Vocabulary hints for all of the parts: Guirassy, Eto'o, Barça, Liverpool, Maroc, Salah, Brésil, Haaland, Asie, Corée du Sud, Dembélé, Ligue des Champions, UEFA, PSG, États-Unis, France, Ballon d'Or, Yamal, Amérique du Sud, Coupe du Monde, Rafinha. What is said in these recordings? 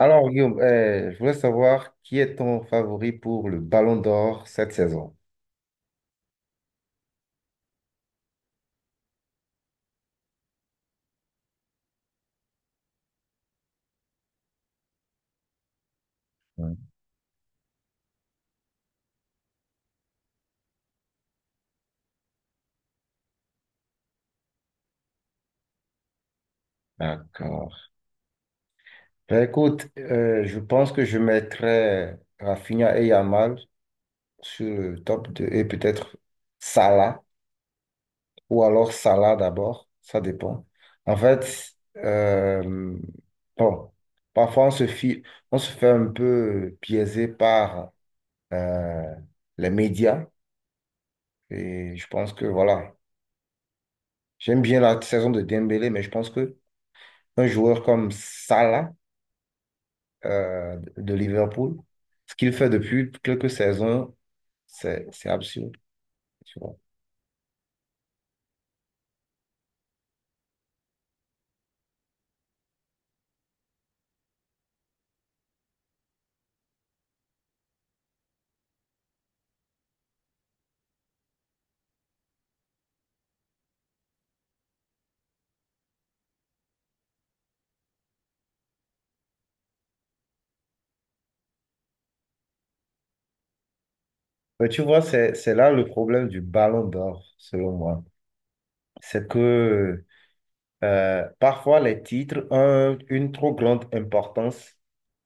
Alors, Guillaume, je voulais savoir qui est ton favori pour le Ballon d'Or cette saison. Mm. D'accord. Ben, écoute, je pense que je mettrais Rafinha et Yamal sur le top 2 et peut-être Salah ou alors Salah d'abord, ça dépend. En fait, bon, parfois on se fait un peu biaiser par euh, les médias, et je pense que voilà, j'aime bien la saison de Dembélé, mais je pense que un joueur comme Salah de Liverpool, ce qu'il fait depuis quelques saisons, c'est absurde. Tu vois. Mais tu vois, c'est là le problème du Ballon d'Or, selon moi. C'est que parfois les titres ont une trop grande importance,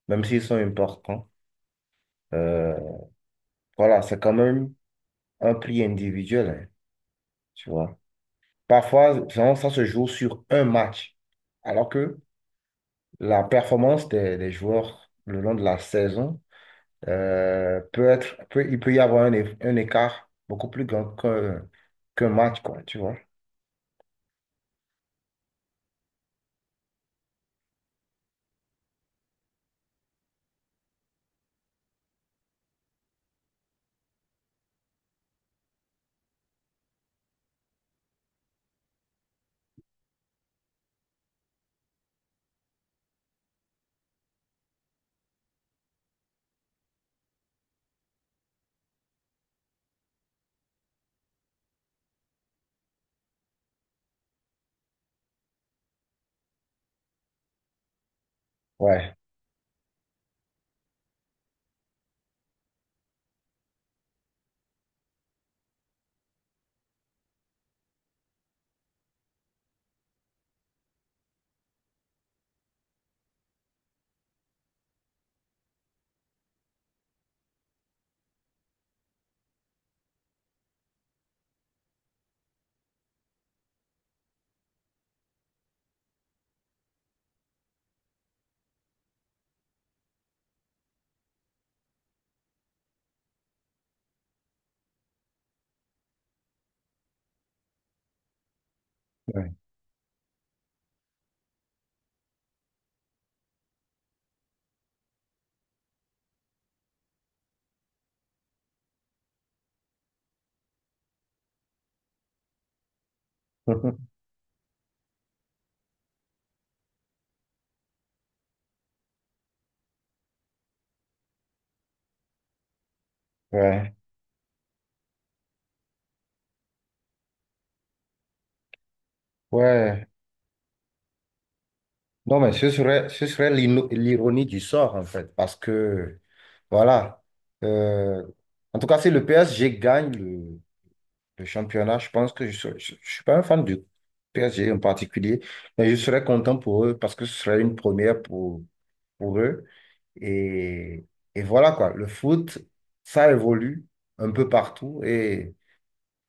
même s'ils sont importants. Euh, voilà, c'est quand même un prix individuel, hein, tu vois. Parfois, vraiment, ça se joue sur un match, alors que la performance des joueurs le long de la saison il peut y avoir un écart beaucoup plus grand qu'un match, quoi, tu vois. Ouais, ouais, ouais, ouais. Non, mais ce serait l'ironie du sort, en fait, parce que, voilà, euh, en tout cas, si le PSG gagne le championnat, je pense que je ne suis pas un fan du PSG en particulier, mais je serais content pour eux parce que ce serait une première pour eux. Et, et voilà quoi, le foot, ça évolue un peu partout et,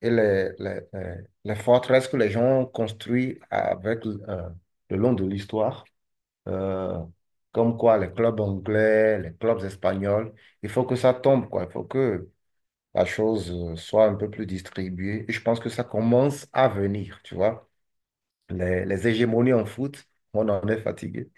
et les forteresses que les gens ont construites avec, le long de l'histoire, euh, comme quoi les clubs anglais, les clubs espagnols, il faut que ça tombe quoi, il faut que la chose soit un peu plus distribuée. Et je pense que ça commence à venir, tu vois. Les hégémonies en foot, on en est fatigué.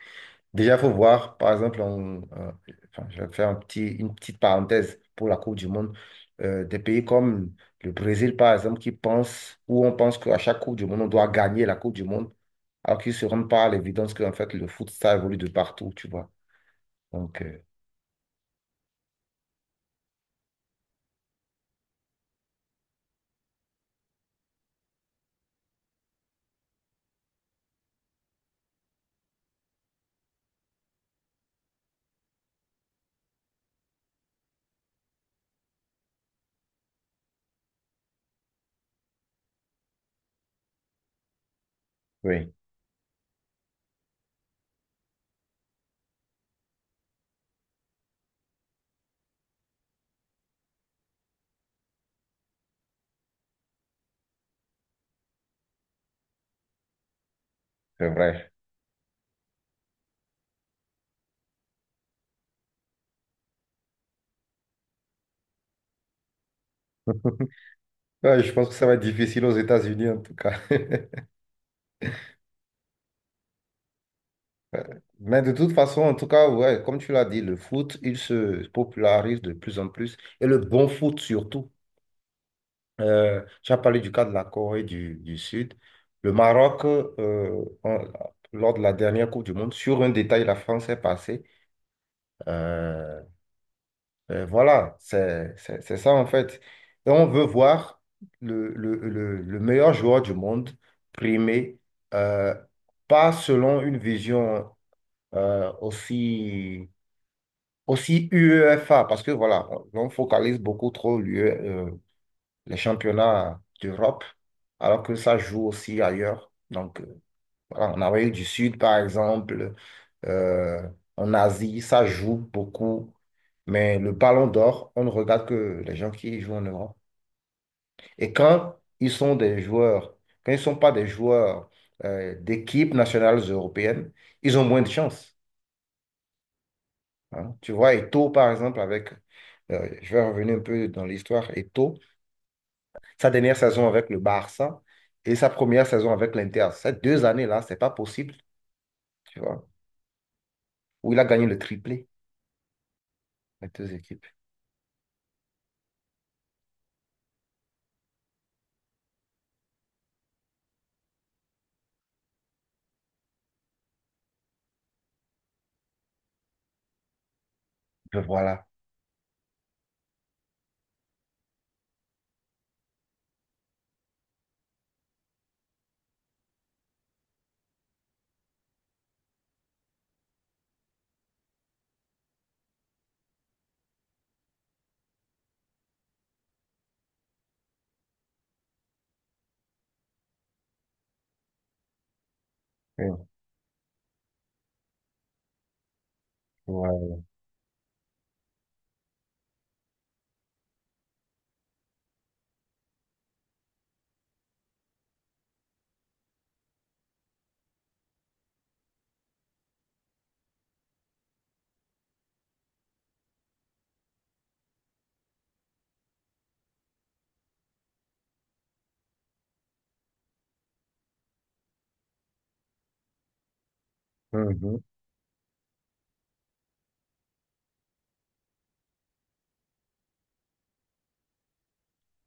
Déjà, il faut voir, par exemple, enfin, je vais faire une petite parenthèse pour la Coupe du Monde. Des pays comme le Brésil, par exemple, où on pense qu'à chaque Coupe du Monde, on doit gagner la Coupe du Monde, alors qu'ils ne se rendent pas à l'évidence qu'en fait, le foot, ça évolue de partout, tu vois. Donc, oui, c'est vrai. Ouais, je pense que ça va être difficile aux États-Unis, en tout cas. Mais de toute façon, en tout cas, ouais, comme tu l'as dit, le foot, il se popularise de plus en plus, et le bon foot surtout. Tu as parlé du cas de la Corée du Sud. Le Maroc, lors de la dernière Coupe du Monde, sur un détail, la France est passée. Euh, voilà, c'est ça en fait. Et on veut voir le meilleur joueur du monde primé, euh, pas selon une vision euh, aussi, aussi UEFA, parce que voilà, on focalise beaucoup trop l'UE les championnats d'Europe, alors que ça joue aussi ailleurs. Donc, voilà, en Amérique du Sud, par exemple, euh, en Asie, ça joue beaucoup. Mais le Ballon d'Or, on ne regarde que les gens qui jouent en Europe. Et quand ils sont des joueurs, quand ils ne sont pas des joueurs d'équipes nationales européennes, ils ont moins de chances. Hein. Tu vois, Eto'o, par exemple, avec, je vais revenir un peu dans l'histoire, Eto'o, sa dernière saison avec le Barça et sa première saison avec l'Inter. Ces deux années-là, c'est pas possible, tu vois, où il a gagné le triplé, les deux équipes. Voilà. Mmh. Voilà. Mhm.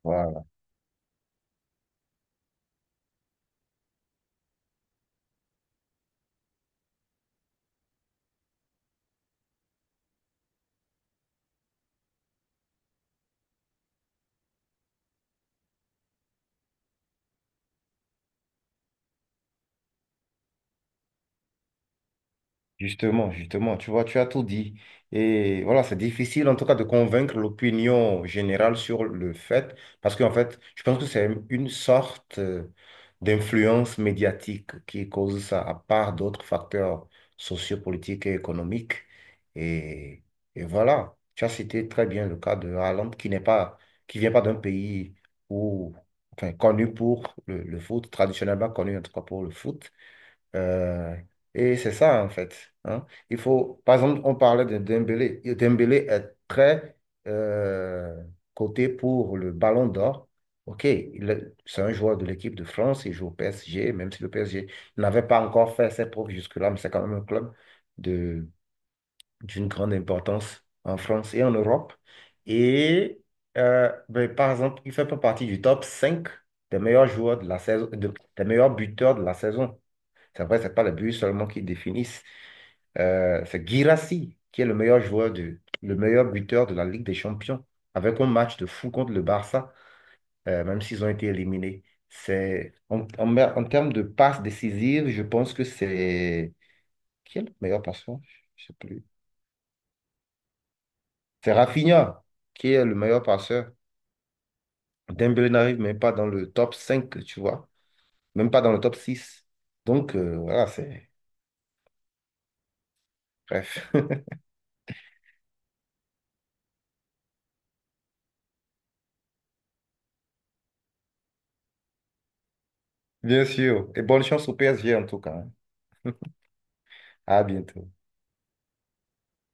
Voilà. Justement, justement, tu vois, tu as tout dit. Et voilà, c'est difficile en tout cas de convaincre l'opinion générale sur le fait, parce qu'en fait, je pense que c'est une sorte d'influence médiatique qui cause ça, à part d'autres facteurs sociopolitiques et économiques. Et, et voilà, tu as cité très bien le cas de Haaland, qui vient pas d'un pays où, enfin, connu pour le foot, traditionnellement connu en tout cas pour le foot. Euh, et c'est ça, en fait. Hein. Il faut, par exemple, on parlait de Dembélé. Et Dembélé est très euh, coté pour le Ballon d'Or. OK, c'est un joueur de l'équipe de France, il joue au PSG, même si le PSG n'avait pas encore fait ses preuves jusque-là, mais c'est quand même un club de, d'une grande importance en France et en Europe. Et ben, par exemple, il fait pas partie du top 5 des meilleurs joueurs de la saison, des meilleurs buteurs de la saison. C'est vrai, c'est pas le but seulement qui définissent. C'est Guirassy qui est le meilleur buteur de la Ligue des Champions avec un match de fou contre le Barça, même s'ils ont été éliminés. C'est en termes de passes décisives, je pense que c'est qui est le meilleur passeur? Je sais plus. C'est Rafinha qui est le meilleur passeur. Dembélé n'arrive même pas dans le top 5 tu vois, même pas dans le top six. Donc voilà, c'est bref. Bien sûr. Et bonne chance au PSG en tout cas. Hein. À bientôt.